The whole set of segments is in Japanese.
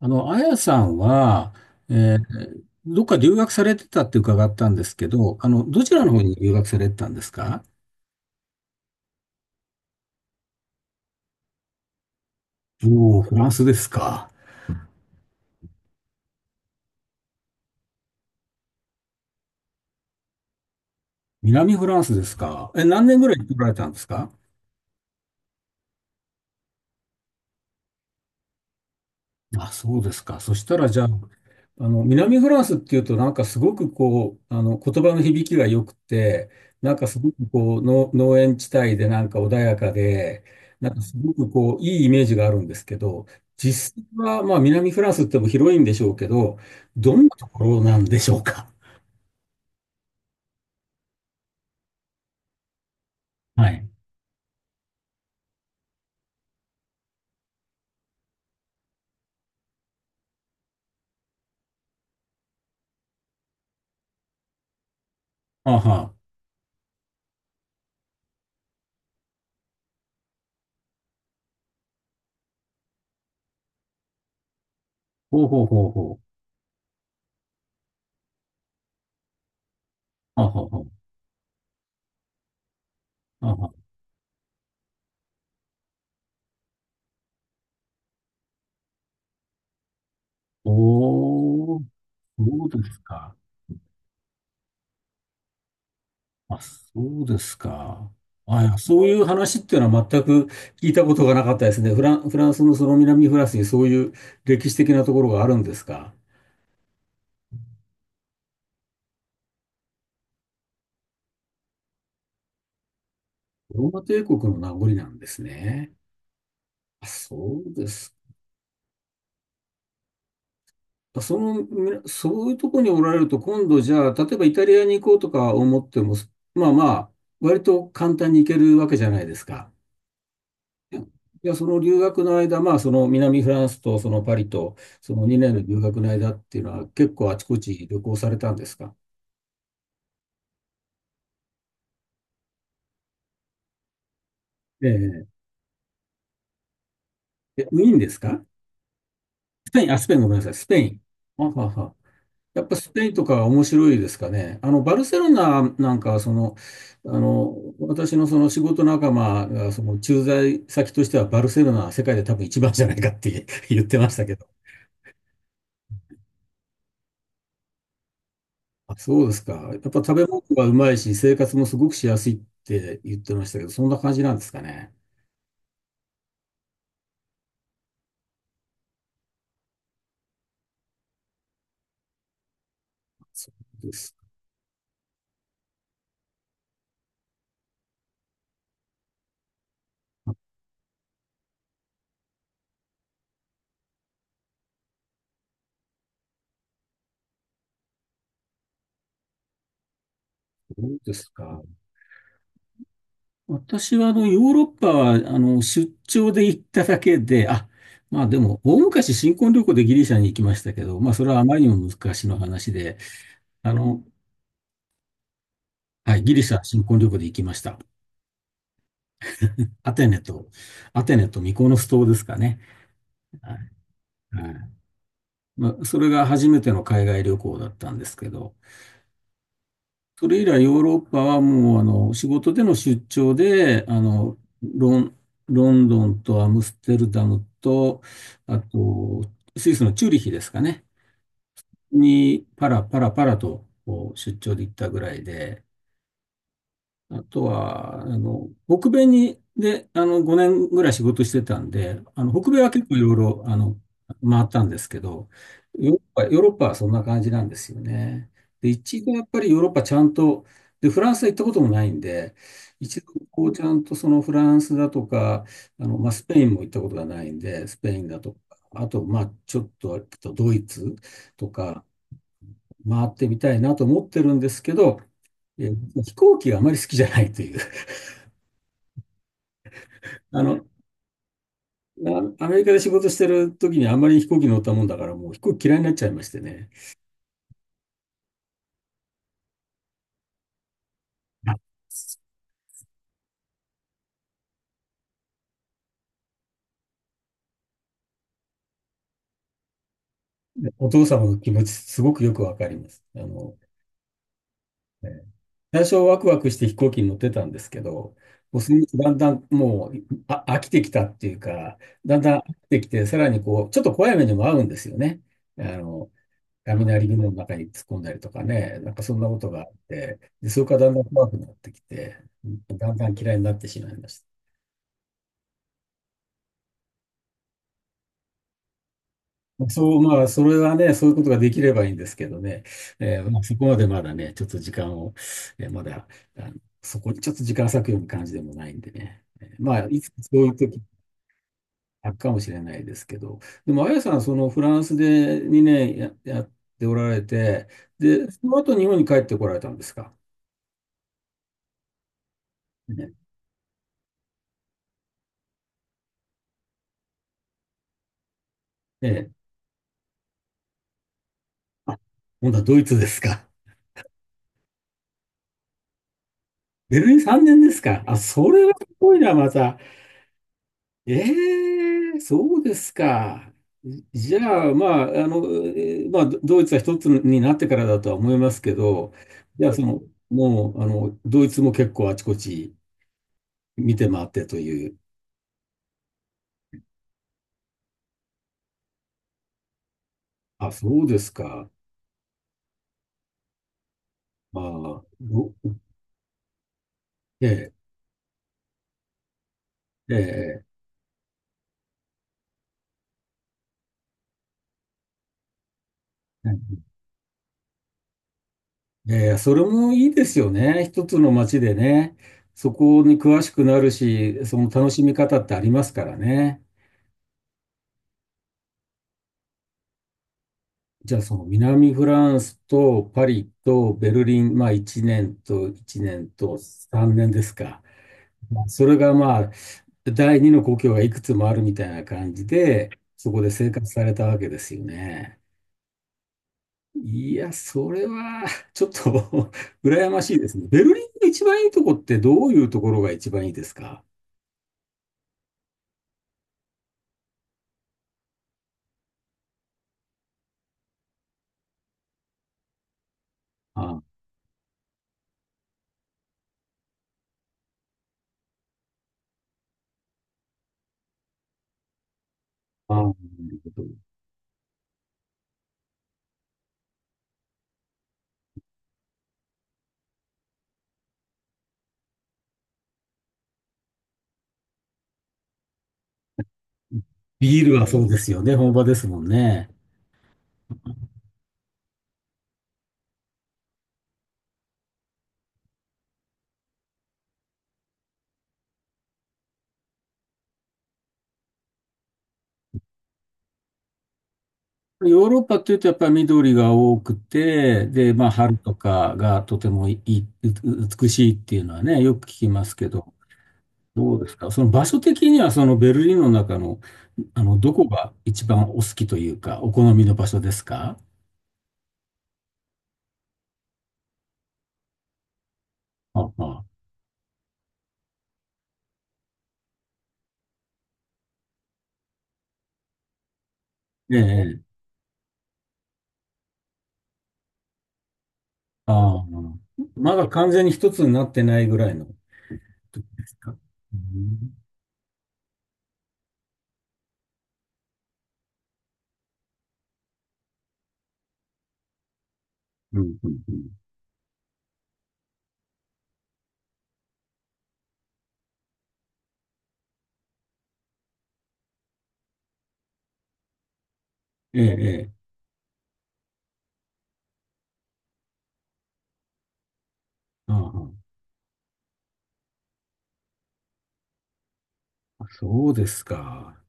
あやさんは、どっか留学されてたって伺ったんですけど、どちらの方に留学されてたんですか？おおー、フランスですか。南フランスですか。え、何年ぐらい来られたんですか？あ、そうですか。そしたら、じゃあ、南フランスっていうと、なんかすごくこう、言葉の響きが良くて、なんかすごくこう、の農園地帯でなんか穏やかで、なんかすごくこう、いいイメージがあるんですけど、実際は、まあ、南フランスっても広いんでしょうけど、どんなところなんでしょうか。はい。あは。ほうほうほうほう。あはは。あは。おー、そうですか。あ、そうですか。あ、いやそういう話っていうのは全く聞いたことがなかったですね。フランスのその南フランスにそういう歴史的なところがあるんですか。ローマ帝国の名残なんですね。あ、そうですか。その、みなそういうところにおられると、今度じゃあ、例えばイタリアに行こうとか思っても、まあまあ、割と簡単に行けるわけじゃないですか。いや、その留学の間、まあ、その南フランスとそのパリと、その2年の留学の間っていうのは、結構あちこち旅行されたんですか？ええ、え、ウィーンですか？スペイン、あ、スペイン、ごめんなさい、スペイン。あはは。やっぱスペインとかは面白いですかね。バルセロナなんかは、その、私のその仕事仲間が、その駐在先としては、バルセロナは世界で多分一番じゃないかって 言ってましたけど。あ、そうですか。やっぱ食べ物がうまいし、生活もすごくしやすいって言ってましたけど、そんな感じなんですかね。そうですか。どうですか。私はあの、ヨーロッパは、出張で行っただけで、あ、まあでも、大昔新婚旅行でギリシャに行きましたけど、まあそれはあまりにも昔の話で、あの、はい、ギリシャ新婚旅行で行きました。アテネと、アテネとミコノス島ですかね。はい。はい。まあ、それが初めての海外旅行だったんですけど、それ以来ヨーロッパはもうあの仕事での出張でロンドンとアムステルダムとあとスイスのチューリヒですかねにパラパラパラとこう出張で行ったぐらいで、あとは、北米に、で、5年ぐらい仕事してたんで、北米は結構いろいろ、回ったんですけど、ヨーロッパはそんな感じなんですよね。で、一度やっぱりヨーロッパちゃんと、で、フランスは行ったこともないんで、一度こうちゃんとそのフランスだとか、まあ、スペインも行ったことがないんで、スペインだとか、あと、まあ、ちょっと、あとドイツとか回ってみたいなと思ってるんですけど、飛行機があまり好きじゃないという。あの、アメリカで仕事してる時にあんまり飛行機乗ったもんだから、もう飛行機嫌いになっちゃいましてね。お父様の気持ち、すごくよくわかります。あの、えー最初ワクワクして飛行機に乗ってたんですけど、もうそのうちだんだんもう飽きてきたっていうか、だんだん飽きてきて、さらにこう、ちょっと怖い目にも遭うんですよね。あの、雷雲の中に突っ込んだりとかね、なんかそんなことがあって、で、それからだんだん怖くなってきて、だんだん嫌いになってしまいました。そう、まあ、それはね、そういうことができればいいんですけどね、まあ、そこまでまだね、ちょっと時間を、まだ、あの、そこにちょっと時間割くような感じでもないんでね、まあ、いつかそういう時あるかもしれないですけど、でも、あやさん、そのフランスで2年や、やっておられて、で、その後日本に帰ってこられたんですか。ね、ええ、あ、今度はドイツですか。ベルリン3年ですか。あ、それはすごいな、また。ええ、そうですか。じゃあ、まあ、あの、まあ、ドイツは一つになってからだとは思いますけど、じゃあ、その、もう、ドイツも結構あちこち見て回ってという。あ、そうですか。ああ、ど、ええええええええ、それもいいですよね。一つの街でね、そこに詳しくなるし、その楽しみ方ってありますからね。じゃあ、その南フランスとパリとベルリン、まあ1年と1年と3年ですか。まあそれがまあ、第二の故郷がいくつもあるみたいな感じで、そこで生活されたわけですよね。いや、それはちょっと 羨ましいですね。ベルリンの一番いいとこってどういうところが一番いいですか？ああ、ああなるほど。ビールはそうですよね。本場ですもんね。ヨーロッパっていうとやっぱり緑が多くて、で、まあ春とかがとてもいい、美しいっていうのはね、よく聞きますけど、どうですか、その場所的にはそのベルリンの中の、あの、どこが一番お好きというか、お好みの場所ですか？ああ、ええ、ああ、まだ完全に一つになってないぐらいの時ですか？うん、うん、うん。うん、ええ、ええ、ああ、そうですか。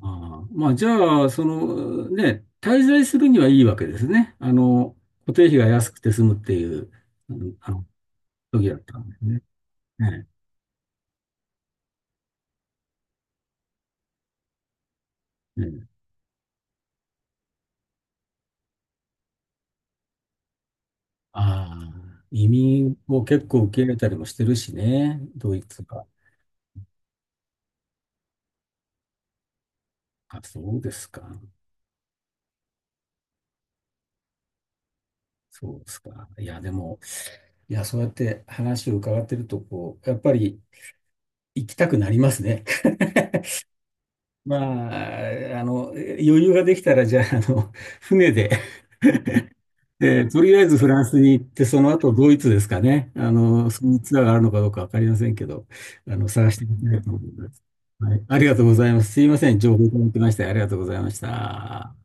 ああ、まあ、じゃあ、その、ね、滞在するにはいいわけですね。あの、固定費が安くて済むっていう、うん、あの、時だったんですね。ね、ね。ああ、移民を結構受け入れたりもしてるしね、ドイツが。あ、そうですか。そうですか。いや、でも、いや、そうやって話を伺ってると、こう、やっぱり行きたくなりますね。まあ、あの、余裕ができたら、じゃあ、あの、船で、とりあえずフランスに行って、その後ドイツですかね。あの、そういうツアーがあるのかどうかわかりませんけど、あの、探してみたいと思います。はい。ありがとうございます。すいません。情報いただきまして、ありがとうございました。